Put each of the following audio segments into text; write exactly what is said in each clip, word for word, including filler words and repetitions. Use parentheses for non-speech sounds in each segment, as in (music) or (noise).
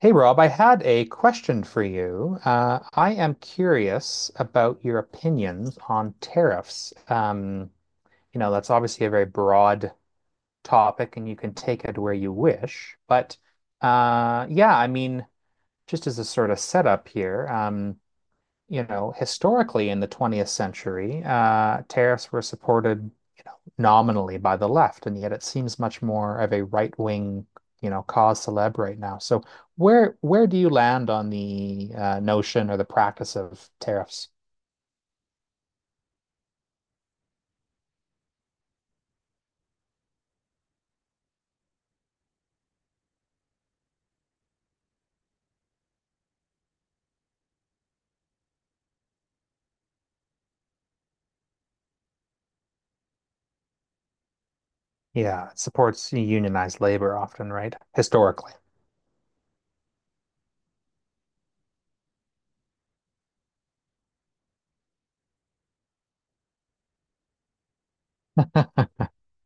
Hey Rob, I had a question for you. Uh, I am curious about your opinions on tariffs. Um, you know, that's obviously a very broad topic and you can take it where you wish. But uh, yeah, I mean, just as a sort of setup here, um, you know, historically in the twentieth century, uh, tariffs were supported nominally by the left, and yet it seems much more of a right-wing, you know, cause célèbre right now. So where where do you land on the uh, notion or the practice of tariffs? Yeah, it supports unionized labor often, right? Historically. (laughs)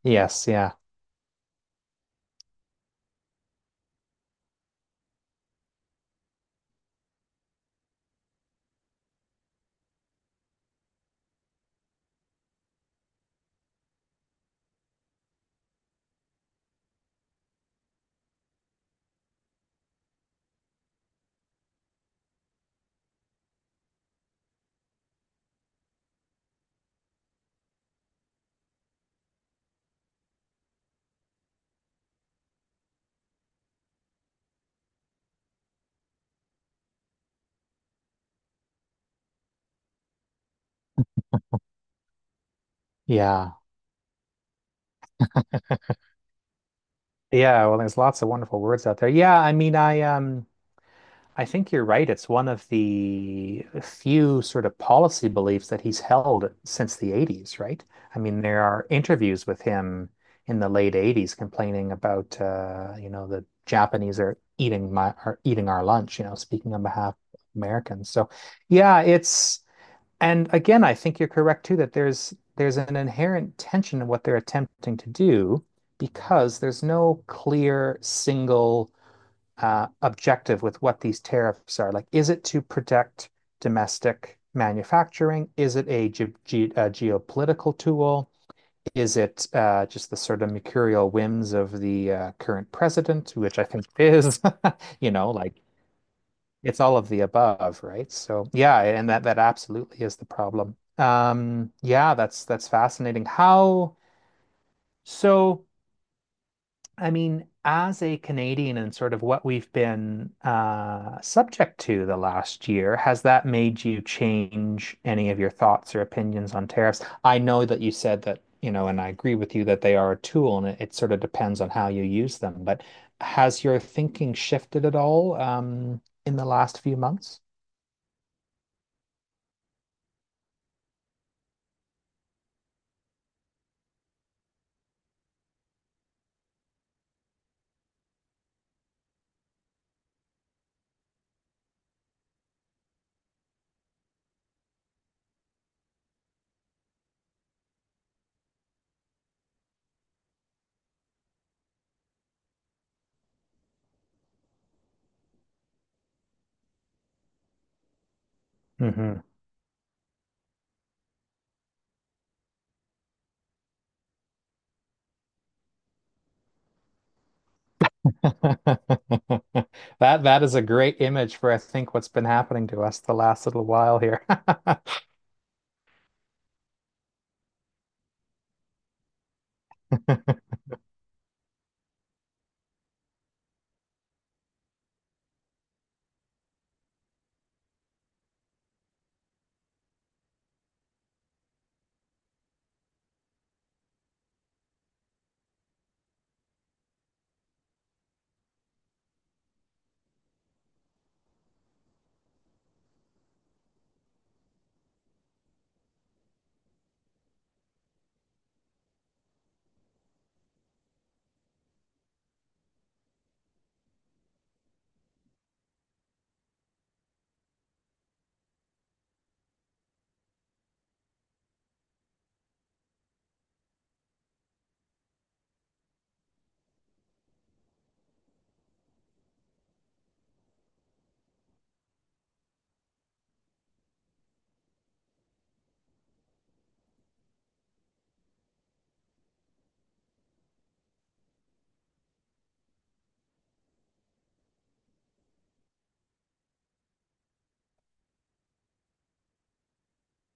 Yes, yeah. Yeah. Yeah, well, there's lots of wonderful words out there. Yeah, I mean, I um I think you're right. It's one of the few sort of policy beliefs that he's held since the eighties, right? I mean, there are interviews with him in the late eighties complaining about, uh, you know, the Japanese are eating my are eating our lunch, you know, speaking on behalf of Americans. So, yeah, it's and again, I think you're correct too that there's there's an inherent tension in what they're attempting to do because there's no clear single uh, objective with what these tariffs are. Like, is it to protect domestic manufacturing? Is it a, ge ge a geopolitical tool? Is it uh, just the sort of mercurial whims of the uh, current president, which I think is (laughs) you know, like it's all of the above, right? So yeah, and that that absolutely is the problem. Um, yeah, that's that's fascinating. How so? I mean, as a Canadian and sort of what we've been uh, subject to the last year, has that made you change any of your thoughts or opinions on tariffs? I know that you said that, you know, and I agree with you that they are a tool and it, it sort of depends on how you use them, but has your thinking shifted at all um, in the last few months? Mhm. (laughs) That that is a great image for I think what's been happening to us the last little while here. (laughs)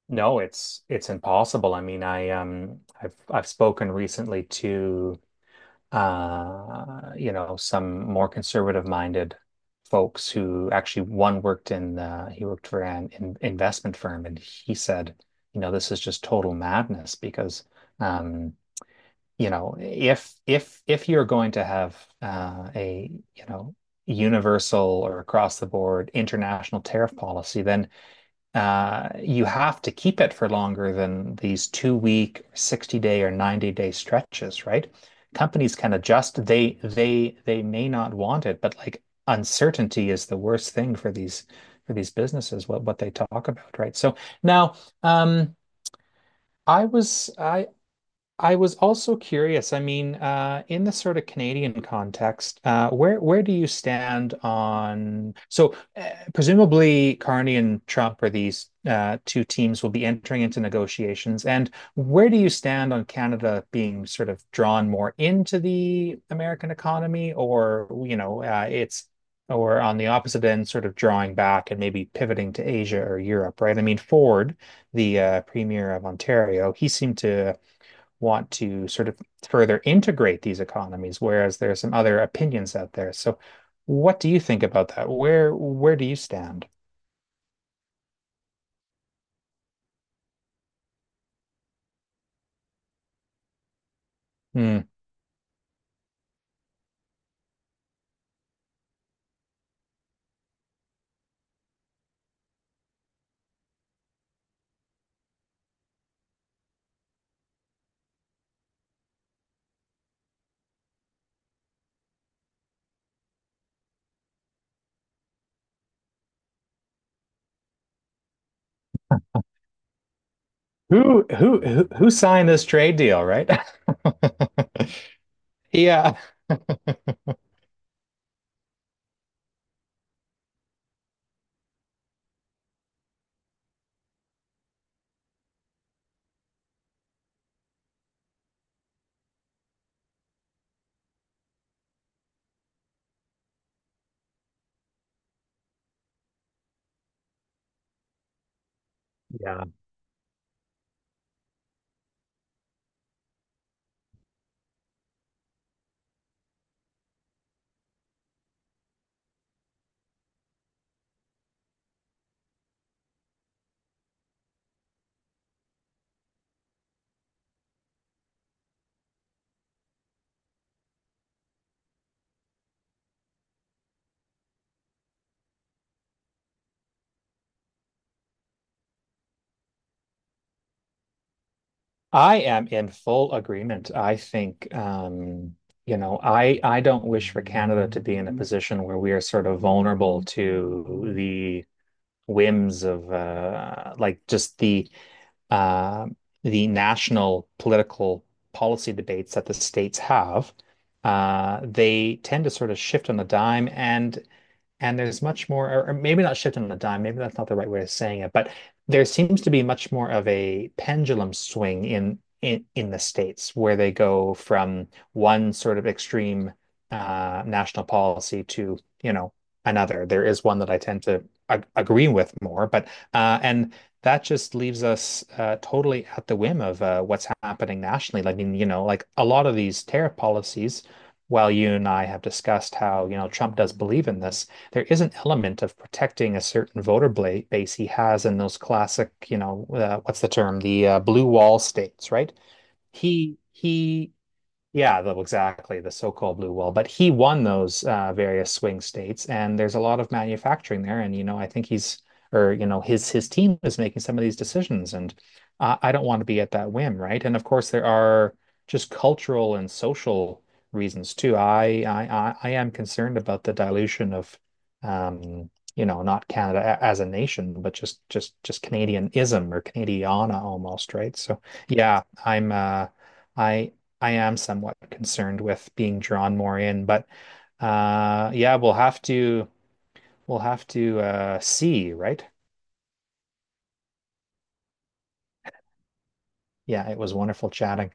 No, it's it's impossible. I mean, I um I've I've spoken recently to uh you know some more conservative minded folks who actually one worked in uh, he worked for an in investment firm and he said, you know, this is just total madness because um you know if if if you're going to have uh, a you know universal or across the board international tariff policy, then uh, you have to keep it for longer than these two week, sixty day or ninety day stretches, right? Companies can adjust. They they they may not want it, but like uncertainty is the worst thing for these for these businesses, what what they talk about, right? So now um I was I I was also curious. I mean, uh, in the sort of Canadian context, uh, where where do you stand on? So, uh, presumably, Carney and Trump are these uh, two teams will be entering into negotiations. And where do you stand on Canada being sort of drawn more into the American economy, or you know, uh, it's or on the opposite end, sort of drawing back and maybe pivoting to Asia or Europe, right? I mean, Ford, the uh, premier of Ontario, he seemed to want to sort of further integrate these economies, whereas there are some other opinions out there. So, what do you think about that? Where where do you stand? Hmm. Who who who who signed this trade deal, right? (laughs) Yeah. (laughs) Yeah. I am in full agreement. I think, um, you know, I I don't wish for Canada to be in a position where we are sort of vulnerable to the whims of uh, like just the uh, the national political policy debates that the states have, uh, they tend to sort of shift on a dime. And and there's much more, or, or maybe not shifting on a dime, maybe that's not the right way of saying it, but there seems to be much more of a pendulum swing in in, in the States where they go from one sort of extreme uh, national policy to, you know, another. There is one that I tend to ag agree with more, but uh, and that just leaves us uh, totally at the whim of uh, what's happening nationally. I mean, you know, like a lot of these tariff policies while you and I have discussed how, you know, Trump does believe in this, there is an element of protecting a certain voter base he has in those classic, you know, uh, what's the term? The uh, blue wall states, right? He he Yeah, though exactly, the so-called blue wall. But he won those uh, various swing states, and there's a lot of manufacturing there. And you know, I think he's, or you know, his his team is making some of these decisions, and uh, I don't want to be at that whim, right? And of course, there are just cultural and social reasons too. I I I I am concerned about the dilution of, um, you know, not Canada a- as a nation, but just just just Canadianism or Canadiana almost, right? So yeah, I'm uh. I I am somewhat concerned with being drawn more in, but uh yeah, we'll have to we'll have to uh see, right? Yeah, it was wonderful chatting.